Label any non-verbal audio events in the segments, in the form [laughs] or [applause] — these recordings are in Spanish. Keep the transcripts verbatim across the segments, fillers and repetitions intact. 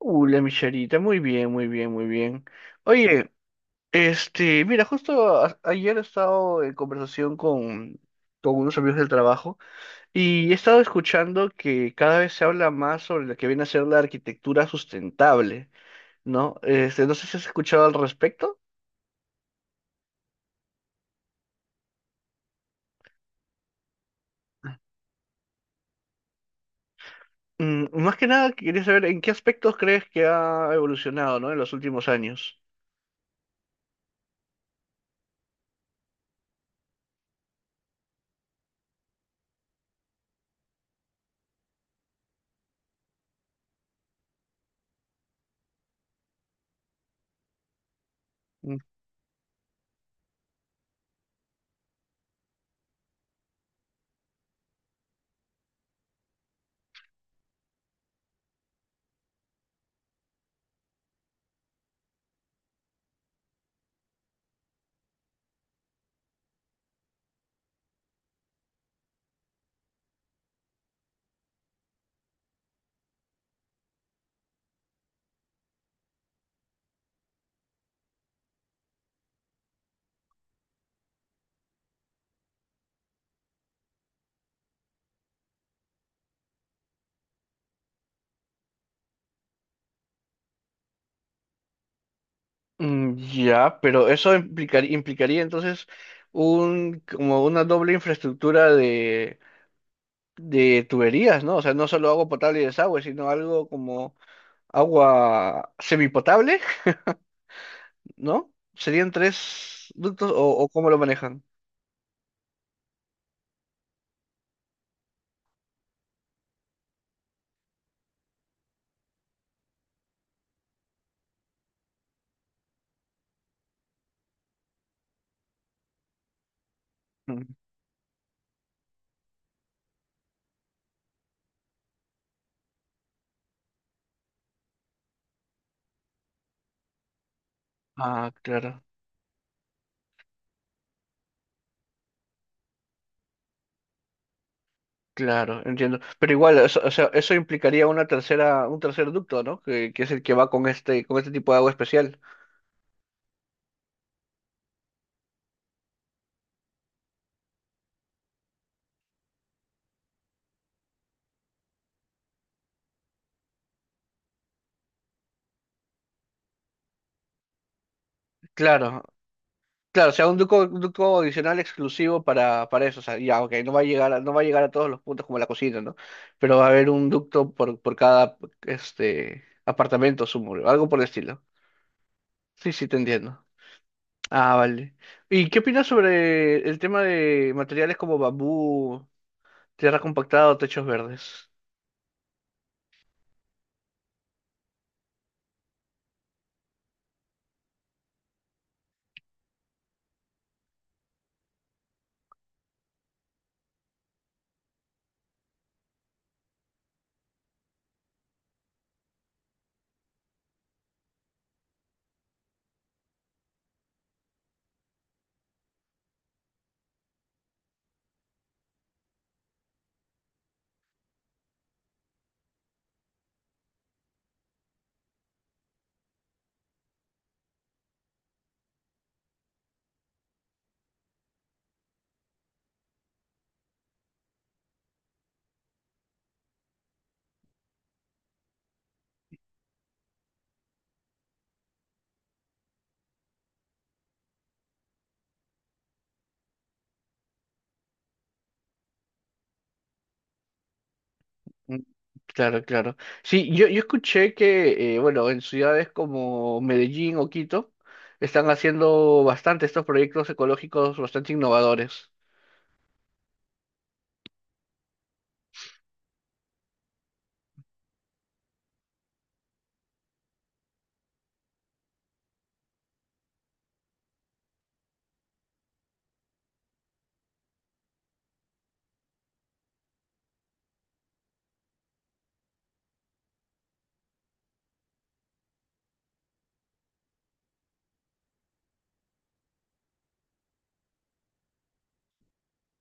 Uh, la micharita, muy bien, muy bien, muy bien. Oye, este, mira, justo a- ayer he estado en conversación con, con unos amigos del trabajo y he estado escuchando que cada vez se habla más sobre lo que viene a ser la arquitectura sustentable, ¿no? Este, no sé si has escuchado al respecto. Mm, más que nada, quería saber en qué aspectos crees que ha evolucionado, ¿no? En los últimos años. Mm, Ya, pero eso implicar- implicaría entonces un como una doble infraestructura de, de tuberías, ¿no? O sea, no solo agua potable y desagüe, sino algo como agua semipotable, ¿no? ¿Serían tres ductos o, o cómo lo manejan? Mm. Ah, claro, claro, entiendo. Pero igual, eso, o sea, eso implicaría una tercera, un tercer ducto, ¿no? Que, que es el que va con este, con este tipo de agua especial. Claro, claro, o sea, un ducto, un ducto adicional exclusivo para, para eso. O sea, ya, ok, no va a llegar a, no va a llegar a todos los puntos como la cocina, ¿no? Pero va a haber un ducto por, por cada este apartamento, sumo, algo por el estilo. Sí, sí, te entiendo. Ah, vale. ¿Y qué opinas sobre el tema de materiales como bambú, tierra compactada o techos verdes? Mm, claro, claro. Sí, yo, yo escuché que, eh, bueno, en ciudades como Medellín o Quito están haciendo bastante estos proyectos ecológicos bastante innovadores.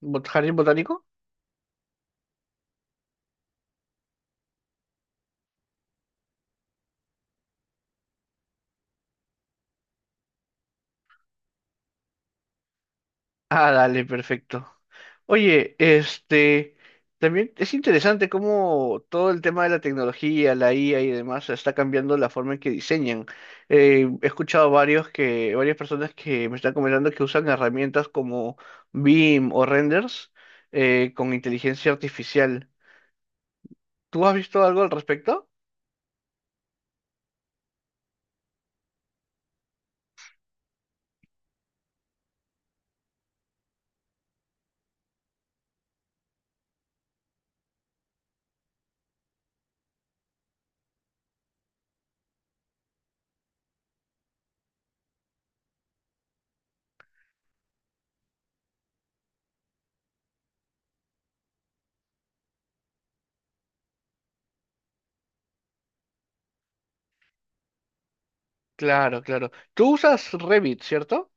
¿Bot- ¿Jardín botánico? Ah, dale, perfecto. Oye, este, también es interesante cómo todo el tema de la tecnología, la I A y demás está cambiando la forma en que diseñan. Eh, he escuchado varios que, varias personas que me están comentando que usan herramientas como BIM o renders eh, con inteligencia artificial. ¿Tú has visto algo al respecto? Claro, claro. Tú usas Revit, ¿cierto?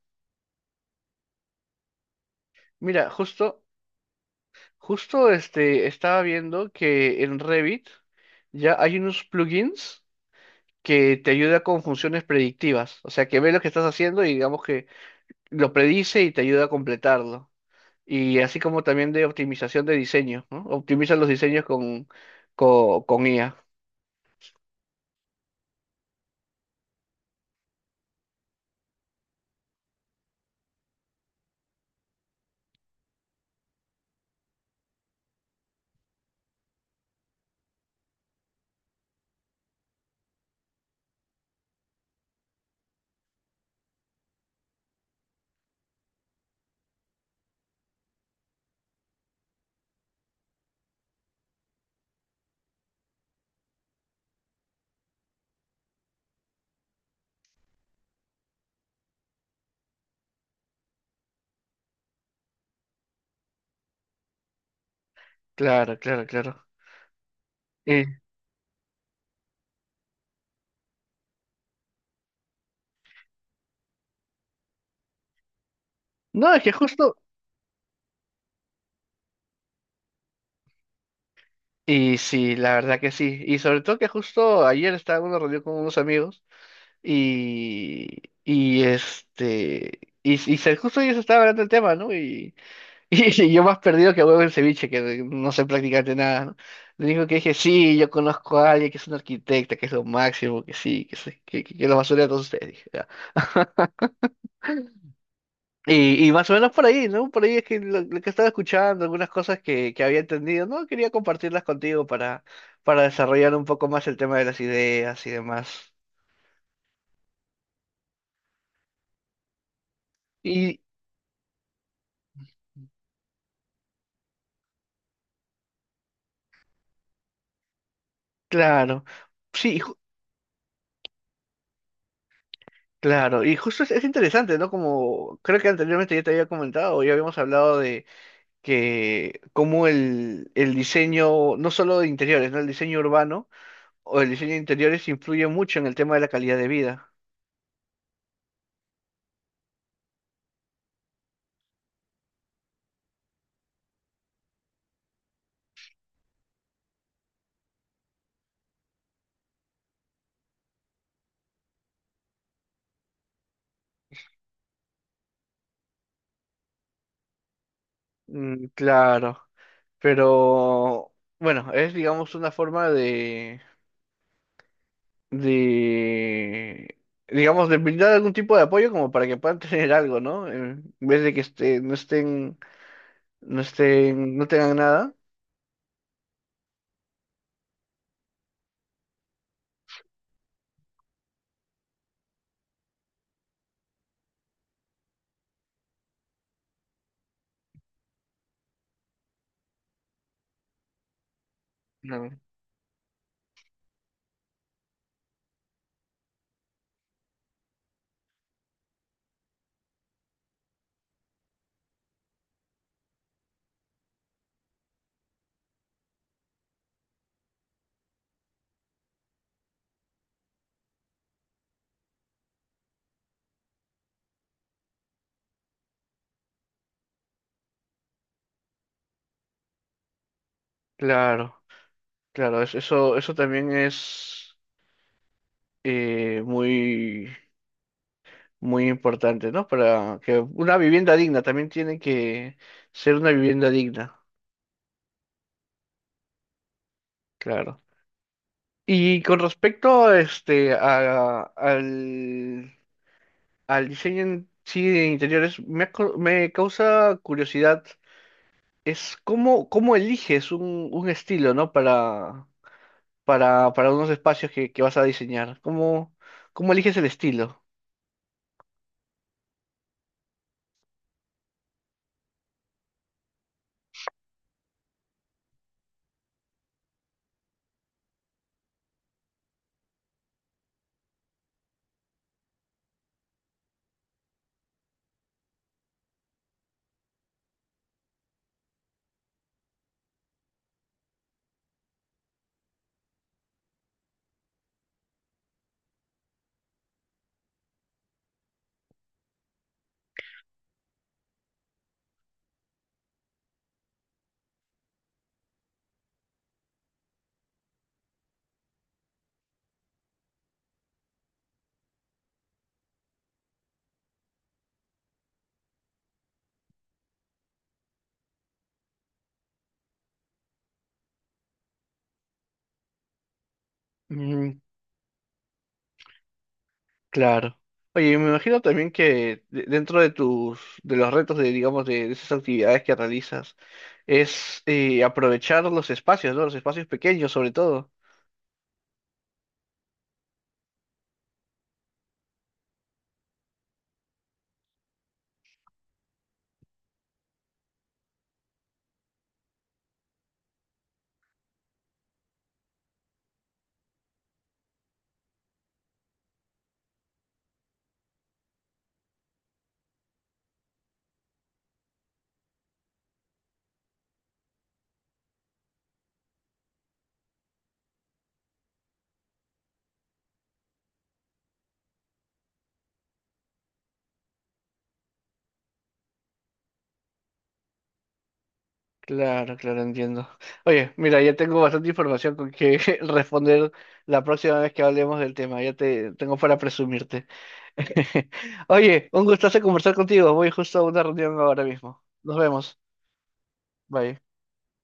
Mira, justo Justo, este, estaba viendo que en Revit ya hay unos plugins que te ayuda con funciones predictivas. O sea, que ve lo que estás haciendo y digamos que lo predice y te ayuda a completarlo. Y así como también de optimización de diseño, ¿no? Optimiza los diseños con, con, con I A. Claro, claro, claro. Eh, no, es que justo... Y sí, la verdad que sí. Y sobre todo que justo ayer estaba en una reunión con unos amigos. Y, y este, y, y se- justo ellos estaban hablando del tema, ¿no? Y, y [laughs] y yo más perdido que huevo en ceviche, que no sé prácticamente nada, ¿no? Le dijo que dije, sí, yo conozco a alguien que es un arquitecta, que es lo máximo, que sí, que, se- que, que, que lo basura de todos ustedes, dije, ya. Y, y más o menos por ahí, ¿no? Por ahí es que lo, lo que estaba escuchando, algunas cosas que, que había entendido, ¿no? Quería compartirlas contigo para, para desarrollar un poco más el tema de las ideas y demás. Y claro. Sí, claro, y justo es, es interesante, ¿no? Como creo que anteriormente ya te había comentado, ya habíamos hablado de que cómo el, el diseño, no solo de interiores, ¿no? El diseño urbano o el diseño de interiores influye mucho en el tema de la calidad de vida. Mm, claro, pero bueno, es digamos una forma de, de, digamos, de brindar algún tipo de apoyo como para que puedan [laughs] tener algo, ¿no? Eh, En vez de que esté, no estén, no estén, no tengan nada. Claro. Claro. Claro, es- eso, eso también es eh, muy, muy importante, ¿no? Para que una vivienda digna también tiene que ser una vivienda digna, claro. Y con respecto a este, a, al, al diseño en sí de interiores, me, ha co- me causa curiosidad, es cómo, cómo eliges un, un estilo, ¿no? Para, para, para unos espacios que, que vas a diseñar. ¿Cómo, cómo eliges el estilo? Claro. Oye, me imagino también que de- dentro de tus, de los retos de, digamos, de, de esas actividades que realizas, es eh, aprovechar los espacios, ¿no? Los espacios pequeños, sobre todo. Claro, claro, entiendo. Oye, mira, ya tengo bastante información con que [laughs] responder la próxima vez que hablemos del tema. Ya te tengo para presumirte. [laughs] Oye, un gustazo conversar contigo. Voy justo a una reunión ahora mismo. Nos vemos. Bye.